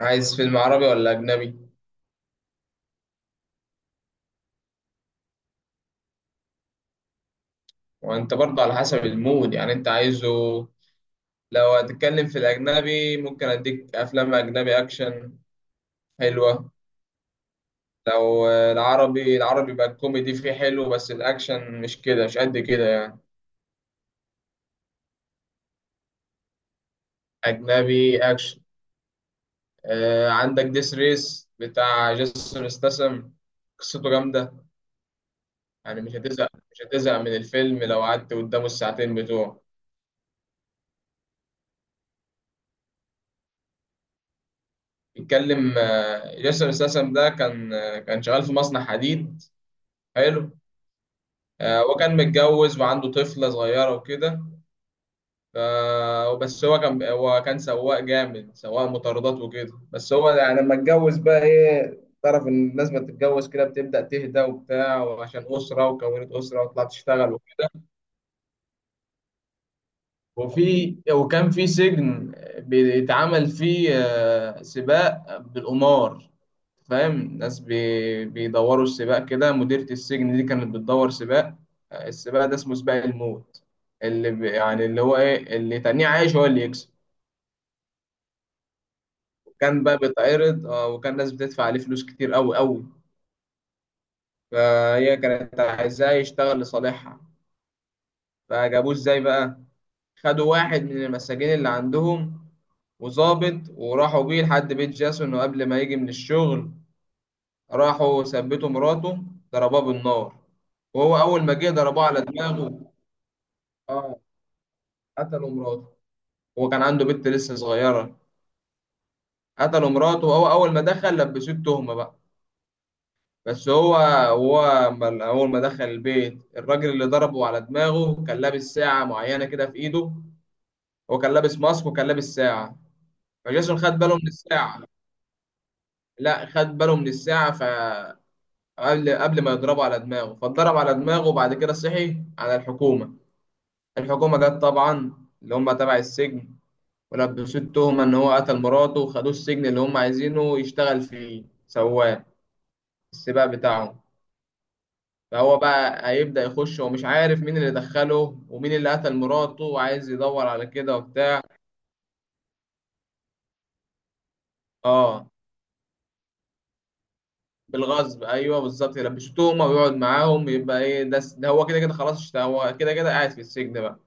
عايز فيلم عربي ولا أجنبي؟ وأنت برضه على حسب المود يعني أنت عايزه. لو هتتكلم في الأجنبي ممكن أديك أفلام أجنبي أكشن حلوة. لو العربي العربي بقى الكوميدي فيه حلو، بس الأكشن مش كده، مش قد كده يعني. أجنبي أكشن، آه عندك ديس ريس بتاع جيسون استسم. قصته جامدة، يعني مش هتزهق من الفيلم لو قعدت قدامه الساعتين بتوعه. بيتكلم، جيسون استسم ده كان، كان شغال في مصنع حديد. حلو. هو كان متجوز وعنده طفلة صغيرة وكده. ف- بس هو كان سواق جامد، سواق مطاردات وكده. بس هو يعني لما اتجوز بقى ايه، تعرف ان الناس ما تتجوز كده بتبدأ تهدى وبتاع، وعشان أسرة، وكونت أسرة وطلعت تشتغل وكده. وكان في سجن بيتعمل فيه سباق بالقمار. فاهم، ناس بيدوروا السباق كده، مديرة السجن دي كانت بتدور سباق. السباق ده اسمه سباق الموت، اللي يعني اللي هو ايه، اللي تاني عايش هو اللي يكسب. كان بقى بيتعرض، وكان ناس بتدفع عليه فلوس كتير قوي قوي. فهي كانت عايزاه يشتغل لصالحها. فجابوه ازاي بقى؟ خدوا واحد من المساجين اللي عندهم وظابط، وراحوا بيه لحد بيت جاسون. وقبل ما يجي من الشغل راحوا ثبتوا مراته، ضربوها بالنار. وهو أول ما جه ضربوه على دماغه. اه، قتلوا مراته. هو كان عنده بنت لسه صغيرة. قتلوا مراته وهو أول ما دخل لبسوه التهمة بقى. بس هو، هو أول ما دخل البيت، الراجل اللي ضربه على دماغه كان لابس ساعة معينة كده في إيده. هو كان لابس ماسك وكان لابس ساعة. فجاسون خد باله من الساعة. لا، خد باله من الساعة فقبل، قبل ما يضربه على دماغه، فاتضرب على دماغه. وبعد كده صحي على الحكومة. الحكومة جت طبعا، اللي هم تبع السجن. ولبسوه التهمة إن هو قتل مراته، وخدوه السجن اللي هم عايزينه يشتغل فيه سواق السباق بتاعه. فهو بقى هيبدأ يخش ومش عارف مين اللي دخله ومين اللي قتل مراته، وعايز يدور على كده وبتاع. اه، بالغصب، ايوه بالظبط، يلبسوه تهمة ويقعد معاهم، يبقى ايه، ده هو كده كده خلاص، هو كده كده قاعد في السجن بقى.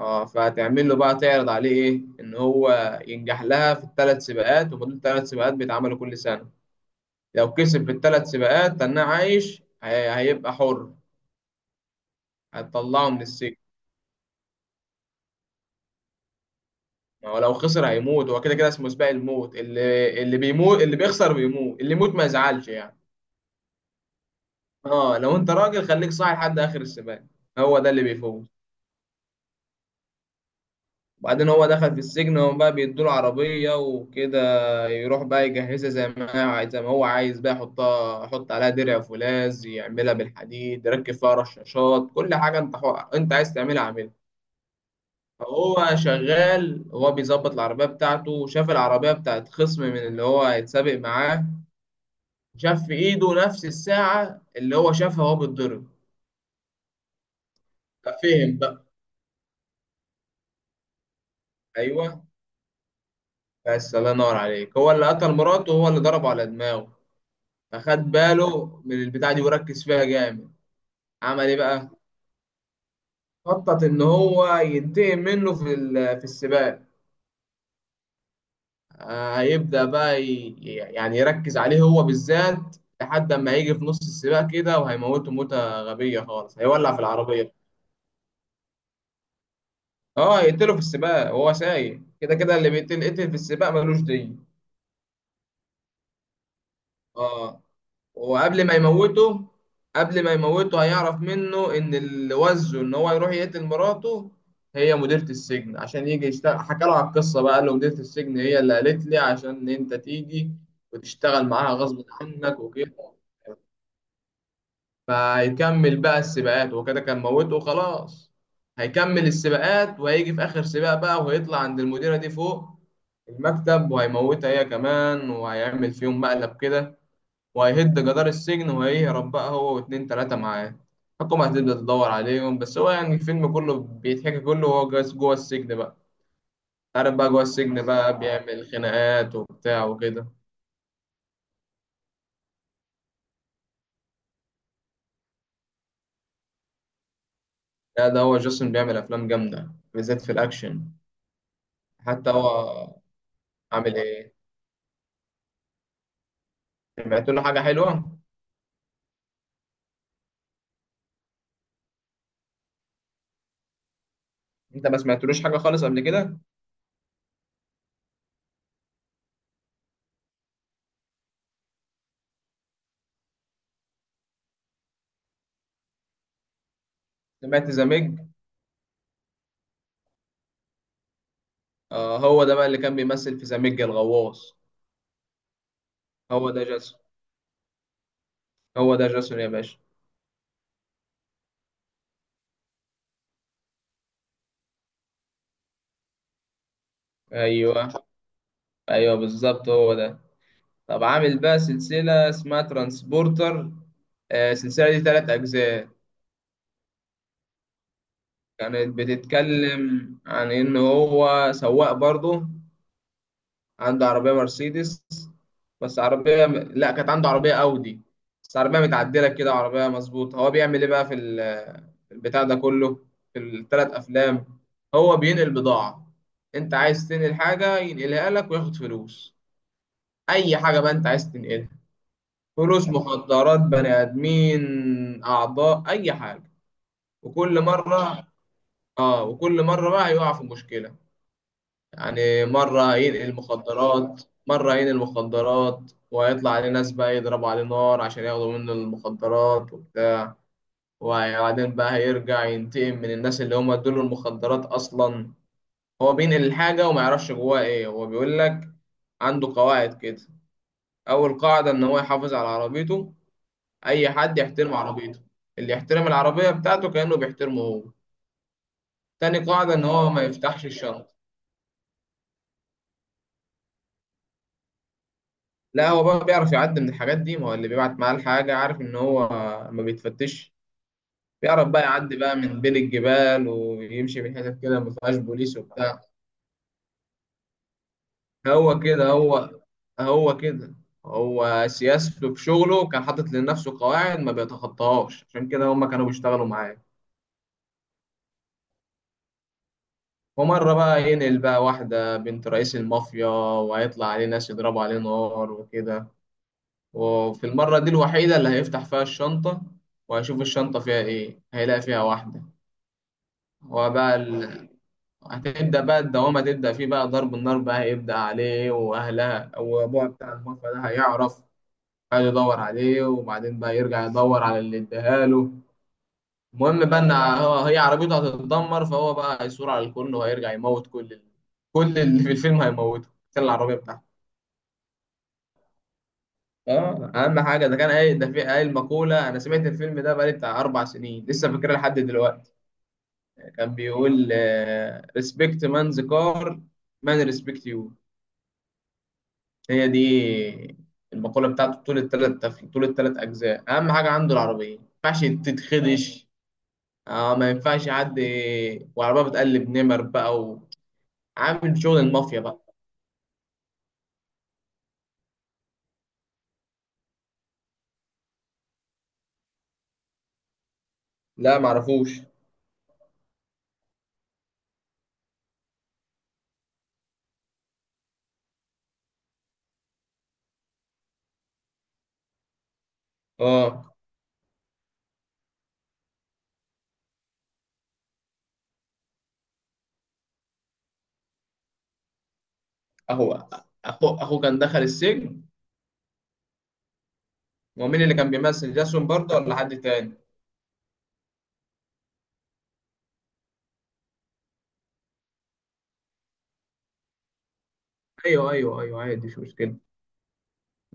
اه، فهتعمل له بقى تعرض عليه ايه، ان هو ينجح لها في الثلاث سباقات، وما دول ثلاث سباقات بيتعملوا كل سنه. لو كسب في الثلاث سباقات تناه عايش هيبقى حر، هتطلعه من السجن. ولو خسر هيموت، هو كده كده اسمه سباق الموت، اللي بيموت، اللي بيخسر بيموت، اللي يموت ما يزعلش يعني. اه، لو انت راجل خليك صاحي لحد اخر السباق، هو ده اللي بيفوز. وبعدين هو دخل في السجن وهم بقى بيدوله عربية وكده. يروح بقى يجهزها زي ما هي عايز، زي ما هو عايز بقى، يحطها، يحط عليها درع فولاذ، يعملها بالحديد، يركب فيها رشاشات، كل حاجة انت انت عايز تعملها عاملها. فهو شغال، هو بيظبط العربية بتاعته، وشاف العربية بتاعت خصم من اللي هو هيتسابق معاه. شاف في ايده نفس الساعة اللي هو شافها وهو بيتضرب. ففهم بقى. ايوه، بس الله ينور عليك، هو اللي قتل مراته وهو اللي ضربه على دماغه. فخد باله من البتاعة دي وركز فيها جامد. عمل ايه بقى؟ خطط ان هو ينتقم منه في في السباق. هيبدأ بقى يعني يركز عليه هو بالذات. لحد ما هيجي في نص السباق كده وهيموته موتة غبية خالص، هيولع في العربية. اه، يقتله في السباق وهو سايق، كده كده اللي بيتقتل قتل في السباق ملوش دين. اه. وقبل ما يموته، قبل ما يموته هيعرف منه ان اللي وزه ان هو يروح يقتل مراته هي مديرة السجن، عشان يجي يشتغل. حكى له على القصة بقى، قال له مديرة السجن هي اللي قالت لي عشان انت تيجي وتشتغل معاها غصب عنك وكده. فهيكمل بقى السباقات وكده، كان موته خلاص. هيكمل السباقات وهيجي في آخر سباق بقى، وهيطلع عند المديرة دي فوق المكتب وهيموتها هي كمان وهيعمل فيهم مقلب كده. وهيهد جدار السجن وهيهرب بقى هو واتنين تلاتة معاه. الحكومة هتبدأ تدور عليهم. بس هو يعني الفيلم كله بيتحكي كله وهو جوه السجن بقى. تعرف بقى جوه السجن بقى بيعمل خناقات وبتاع وكده. لا، ده هو جاسون بيعمل أفلام جامدة بالذات في الأكشن. حتى هو عامل إيه، سمعت له حاجة حلوة؟ أنت ما سمعتلوش حاجة خالص قبل كده؟ سمعت زاميج؟ آه، هو ده بقى اللي كان بيمثل في زاميج الغواص. هو ده جاسون. هو ده جاسون يا باشا. أيوه، أيوه، بالظبط هو ده. طب عامل بقى سلسلة اسمها ترانسبورتر. السلسلة دي تلات أجزاء. كانت بتتكلم عن إن هو سواق برضه، عنده عربية مرسيدس. بس عربية لأ، كانت عنده عربية أودي. بس عربية متعدلة كده، عربية مظبوطة. هو بيعمل إيه بقى في في البتاع ده كله، في التلات أفلام؟ هو بينقل بضاعة. أنت عايز تنقل حاجة ينقلها لك وياخد فلوس، أي حاجة بقى أنت عايز تنقلها. فلوس، مخدرات، بني ادمين، اعضاء، اي حاجه. وكل مره، اه وكل مره بقى يقع في مشكله. يعني مره ينقل مخدرات. مره ينقل مخدرات وهيطلع عليه ناس بقى يضربوا عليه نار عشان ياخدوا منه المخدرات وبتاع. وبعدين بقى هيرجع ينتقم من الناس اللي هم ادوا له المخدرات اصلا. هو بينقل الحاجه وما يعرفش جواها ايه. هو بيقول لك عنده قواعد كده. اول قاعده ان هو يحافظ على عربيته، اي حد يحترم عربيته، اللي يحترم العربيه بتاعته كانه بيحترمه هو. تاني قاعده ان هو ما يفتحش الشنطه. لا، هو بقى بيعرف يعدي من الحاجات دي، ما هو اللي بيبعت معاه الحاجه عارف ان هو ما بيتفتش. بيعرف بقى يعدي بقى من بين الجبال ويمشي من حتت كده ما فيهاش بوليس وبتاع. هو كده هو كده، هو سياسته في شغله كان حاطط لنفسه قواعد ما بيتخطاهاش، عشان كده هما كانوا بيشتغلوا معاه. ومرة بقى ينقل بقى واحدة بنت رئيس المافيا، وهيطلع عليه ناس يضربوا عليه نار وكده. وفي المرة دي الوحيدة اللي هيفتح فيها الشنطة، وهيشوف الشنطة فيها إيه، هيلاقي فيها واحدة. هو بقى هتبدأ بقى الدوامة تبدأ فيه بقى، ضرب النار بقى هيبدأ عليه، وأهلها وأبوها بتاع المافيا ده هيعرف، هيدور عليه، وبعدين بقى يرجع يدور على اللي اداها له. المهم بقى ان هو هي عربيته هتتدمر، فهو بقى هيثور على الكل وهيرجع يموت كل اللي في الفيلم هيموته عشان العربيه بتاعته. اه، اهم حاجه، ده كان قايل ده في قايل مقوله، انا سمعت الفيلم ده بقالي بتاع اربع سنين لسه فاكرها لحد دلوقتي. كان بيقول، ريسبكت مان ذا كار، مان ريسبكت يو. هي دي المقوله بتاعته. طول الثلاث اجزاء، اهم حاجه عنده العربيه ما ينفعش تتخدش. اه، ما ينفعش حد. وعربيه بتقلب نمر بقى، عامل شغل المافيا بقى. لا معرفوش. اه، اهو، اخو كان دخل السجن. ومين اللي كان بيمثل، جاسون برضه ولا حد تاني؟ ايوه، ايوه، ايوه، عادي مش مشكله.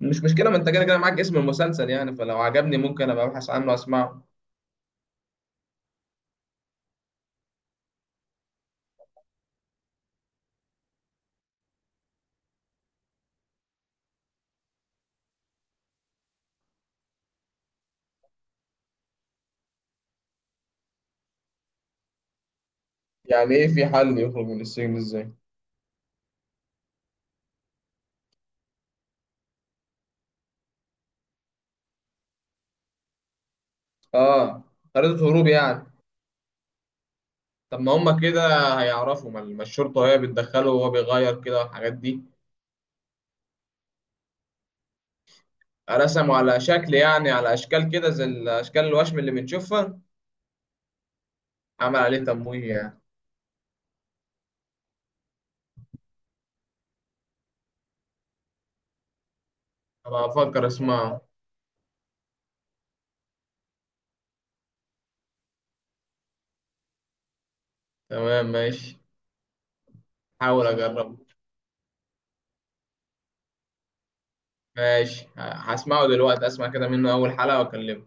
مش مشكله، ما انت كده كده معاك اسم المسلسل يعني، فلو عجبني ممكن ابقى ابحث عنه واسمعه. يعني ايه في حل يخرج من السجن ازاي؟ اه، خريطه هروب يعني. طب ما هما كده هيعرفوا، ما الشرطه هي بتدخله وهو بيغير كده الحاجات دي. رسموا على شكل يعني، على اشكال كده زي الاشكال الوشم اللي بنشوفها؟ عمل عليه تمويه يعني؟ أبقى أفكر أسمعه. تمام ماشي. حاول أجربه. ماشي، هسمعه دلوقتي، أسمع كده منه أول حلقة وأكلمه.